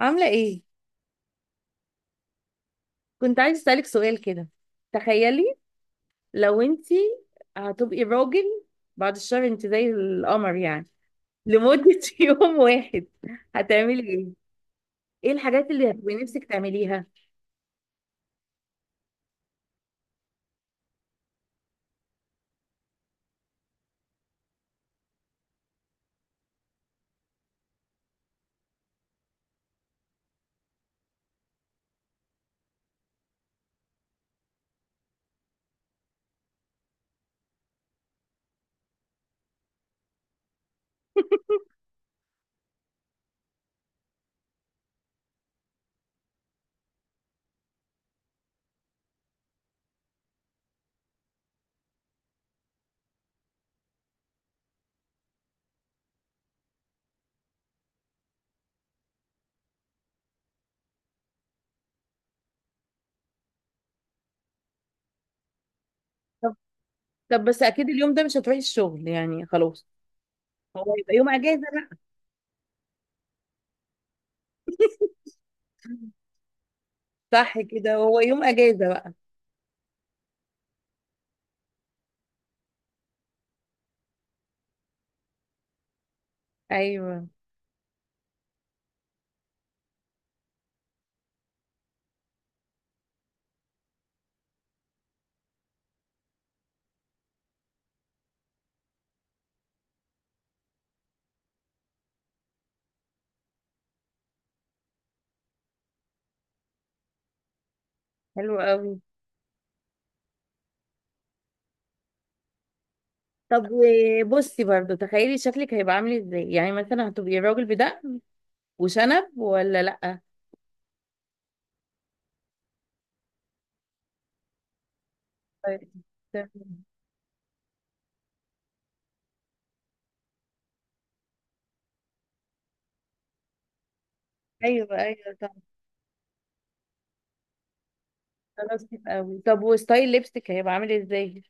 عاملة ايه؟ كنت عايز اسألك سؤال كده. تخيلي، لو انتي هتبقي راجل بعد الشهر، انت زي القمر يعني، لمدة يوم واحد، هتعملي ايه؟ ايه الحاجات اللي هتبقي نفسك تعمليها؟ طب طب، بس اكيد اليوم ده مش هتروحي الشغل يعني خلاص، هو يبقى يوم اجازة بقى. صح كده، هو يوم اجازة بقى. ايوه، حلو قوي. طب، بصي برضو، تخيلي شكلك هيبقى عامل ازاي، يعني مثلا هتبقي راجل بدقن وشنب ولا لأ؟ طيب. ايوه ايوه، طب خلاص، حلو قوي. طب وستايل لبسك هيبقى عامل ازاي؟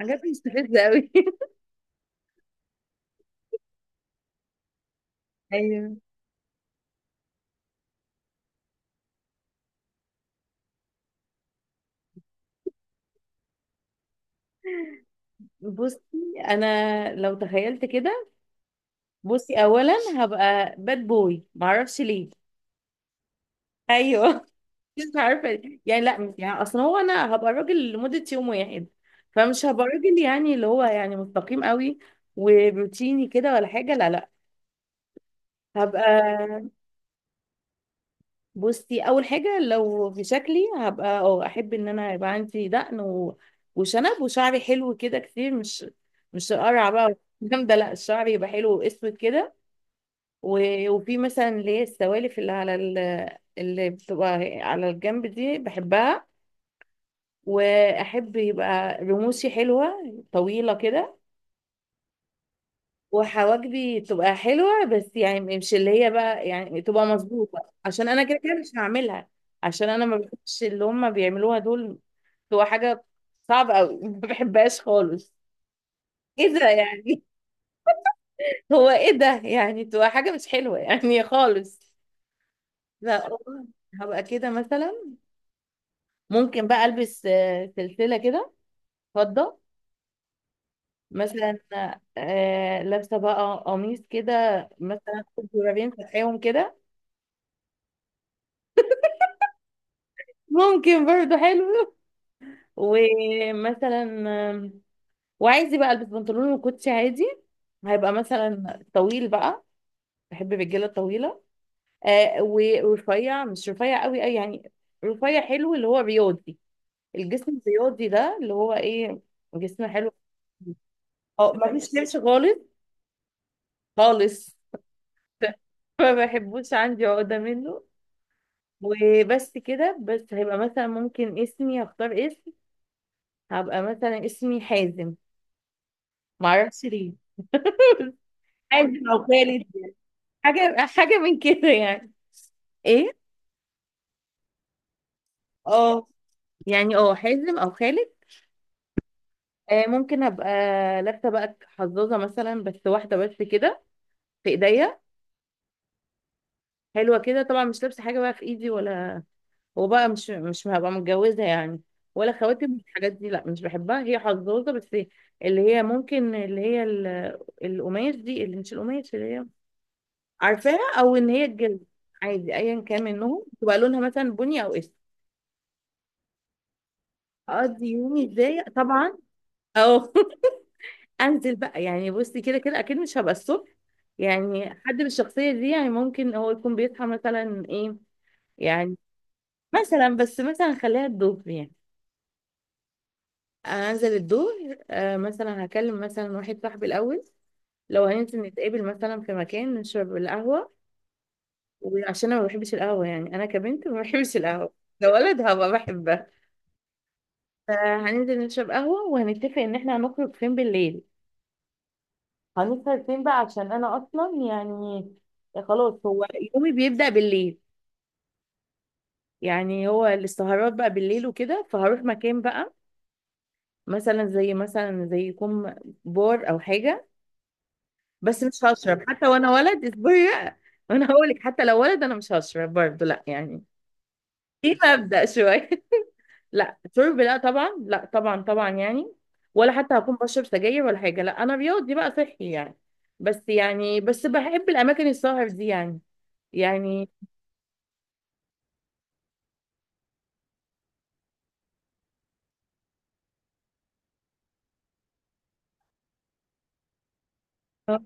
حاجات مستفزه قوي. ايوه. بصي، انا لو تخيلت كده، بصي اولا هبقى باد بوي، معرفش ليه. ايوه. مش عارفه يعني، لا يعني اصلا هو انا هبقى راجل لمده يوم واحد، فمش هبقى راجل يعني اللي هو يعني مستقيم قوي وروتيني كده ولا حاجه، لا لا. هبقى، بصي اول حاجه، لو في شكلي هبقى، اه احب ان انا يبقى عندي دقن وشنب، وشعري حلو كده كتير، مش قرع بقى والكلام ده، لا الشعر يبقى حلو واسود كده و... وفي مثلا اللي هي السوالف اللي بتبقى على الجنب دي بحبها. واحب يبقى رموشي حلوه طويله كده، وحواجبي تبقى حلوة، بس يعني مش اللي هي بقى يعني تبقى مظبوطة، عشان انا كده كده مش هعملها، عشان انا ما بحبش اللي هم بيعملوها دول، تبقى حاجة صعبة قوي. ما بحبهاش خالص. ايه ده يعني؟ هو ايه ده يعني، تبقى حاجة مش حلوة يعني خالص. لا والله. هبقى كده مثلا، ممكن بقى البس سلسلة كده، فضة مثلا. لابسة بقى قميص كده، مثلا أخد زرارين فاتحيهم كده. ممكن برضه حلو. ومثلا، آم، وعايزة بقى البس بنطلون وكوتشي عادي. هيبقى مثلا طويل بقى، بحب الرجاله الطويله. آه ورفيع، مش رفيع قوي اي يعني، رفيع حلو اللي هو رياضي، الجسم الرياضي ده اللي هو ايه، جسم حلو. اه ما فيش لبس خالص، خالص. ما بحبوش، عندي عقده منه. وبس كده، بس هيبقى مثلا ممكن اسمي اختار اسم، هبقى مثلا اسمي حازم، معرفش ليه. حازم او خالد، حاجة حاجة من كده يعني، ايه. اه يعني اه حازم او خالد. آه ممكن ابقى لابسه بقى حظاظه مثلا، بس واحده بس كده، في ايديا، حلوه كده طبعا. مش لابسه حاجه بقى في ايدي ولا، وبقى مش هبقى متجوزه يعني، ولا خواتم الحاجات دي، لا مش بحبها، هي حظاظه بس، اللي هي ممكن القماش دي، اللي مش القماش اللي هي عارفاها، او ان هي الجلد عادي، ايا كان منهم تبقى لونها مثلا بني او اسود. اقضي يومي ازاي طبعا. اه. انزل بقى يعني، بصي كده كده اكيد مش هبقى الصبح، يعني حد بالشخصيه دي يعني ممكن هو يكون بيصحى مثلا ايه يعني، مثلا بس مثلا خليها الظهر يعني. انزل الظهر مثلا هكلم مثلا واحد صاحبي الاول، لو هننزل نتقابل مثلا في مكان نشرب القهوه. وعشان انا ما بحبش القهوه، يعني انا كبنت ما بحبش القهوه، لو ولد هبقى بحبها. فهننزل نشرب قهوه، وهنتفق ان احنا هنخرج فين بالليل، هنسهر فين بقى، عشان انا اصلا يعني خلاص، هو يومي بيبدأ بالليل، يعني هو السهرات بقى بالليل وكده، فهروح مكان بقى، مثلا زي يكون بار او حاجة. بس مش هشرب حتى وانا ولد، اصبري بقى. وانا هقول لك، حتى لو ولد انا مش هشرب برضه، لا يعني ايه مبدأ شوية. لا شرب، لا طبعا، لا طبعا طبعا يعني، ولا حتى هكون بشرب سجاير ولا حاجة، لا انا رياضي بقى صحي يعني. بس يعني بس بحب الاماكن السهر دي يعني، يعني آه،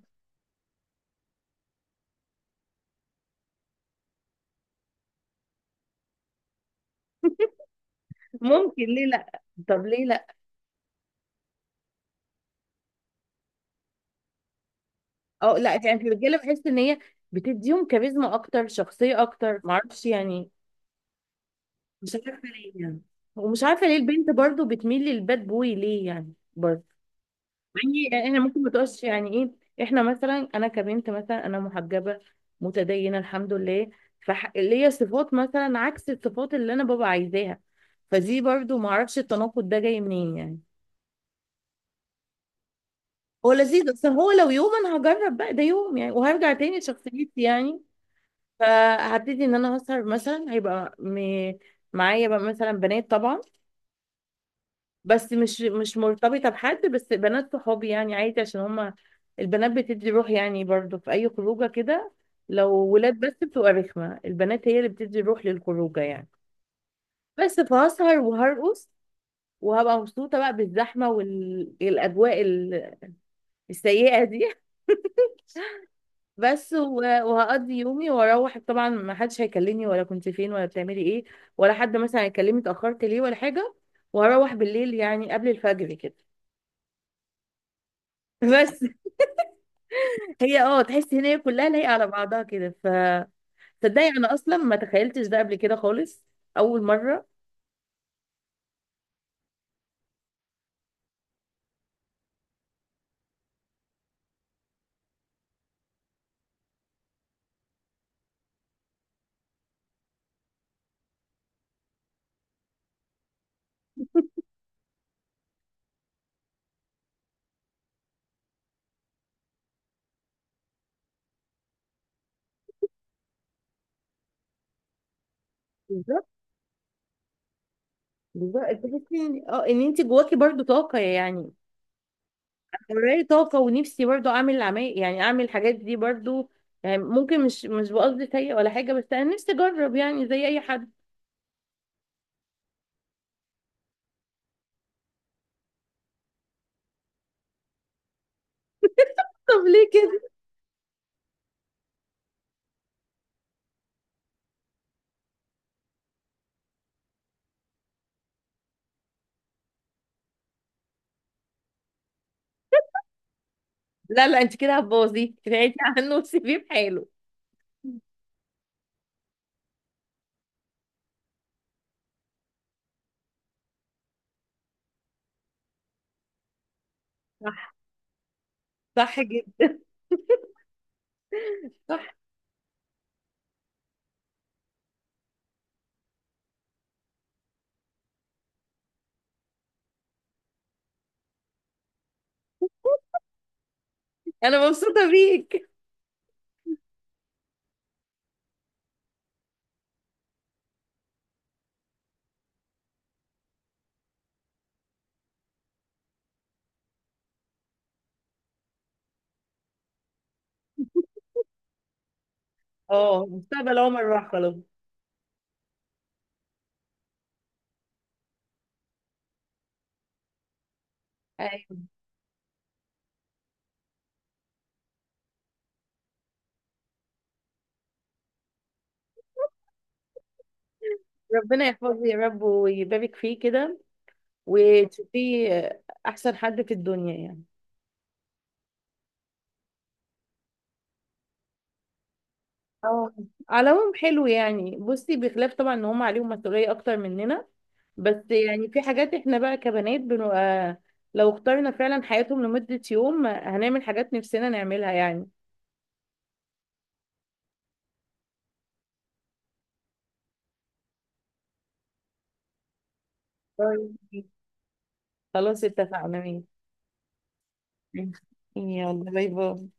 ممكن ليه لا، طب ليه لا. اه لا يعني في الرجاله بحس ان هي بتديهم كاريزما اكتر، شخصيه اكتر، معرفش يعني. مش عارفه ليه يعني، ومش عارفه ليه البنت برضو بتميل للباد بوي ليه يعني برضو، يعني احنا ممكن ما تقولش يعني ايه. احنا مثلا، انا كبنت مثلا، انا محجبه متدينه الحمد لله، فليا صفات مثلا عكس الصفات اللي انا بابا عايزاها، فدي برضو معرفش التناقض ده جاي منين يعني. هو لذيذ، بس هو لو يوم انا هجرب بقى ده يوم يعني، وهرجع تاني لشخصيتي يعني. فهبتدي ان انا اسهر، مثلا هيبقى معايا بقى مثلا بنات طبعا، بس مش مرتبطه بحد، بس بنات صحابي يعني عادي، عشان هما البنات بتدي روح يعني، برضو في اي خروجه كده، لو ولاد بس بتبقى رخمه، البنات هي اللي بتدي روح للخروجه يعني. بس فهسهر وهرقص، وهبقى مبسوطه بقى بالزحمه والاجواء السيئه دي. بس وهقضي يومي واروح، طبعا ما حدش هيكلمني ولا كنت فين ولا بتعملي ايه، ولا حد مثلا هيكلمني اتاخرت ليه ولا حاجه، وهروح بالليل يعني قبل الفجر كده. بس، هي تحسي ان هي كلها لايقه على بعضها كده، ف تصدقي انا اصلا ما تخيلتش ده قبل كده خالص، اول مره. بالظبط. بالظبط، تحسي ان انت جواكي برضو طاقه يعني، وراي طاقه، ونفسي برضو اعمل عمال يعني اعمل الحاجات دي برضو، يعني ممكن مش بقصد سيء ولا حاجه، بس انا نفسي اجرب يعني زي اي حد. طب ليه كده؟ لا لا، انت كده هتبوظيه، ابعدي عنه وسيبيه بحاله. صح، صح جدا. صح. انا مبسوطه بيك. اه، مستقبل عمر راح خلاص. أيوة. ربنا يحفظه يا رب، ويبارك فيه كده، وتشوفيه احسن حد في الدنيا يعني. اه على العموم حلو يعني، بصي بخلاف طبعا ان هم عليهم مسؤوليه اكتر مننا، بس يعني في حاجات احنا بقى كبنات بنبقى، لو اخترنا فعلا حياتهم لمده يوم هنعمل حاجات نفسنا نعملها يعني. طيب. خلاص اتفقنا، ماشي. يلا باي باي.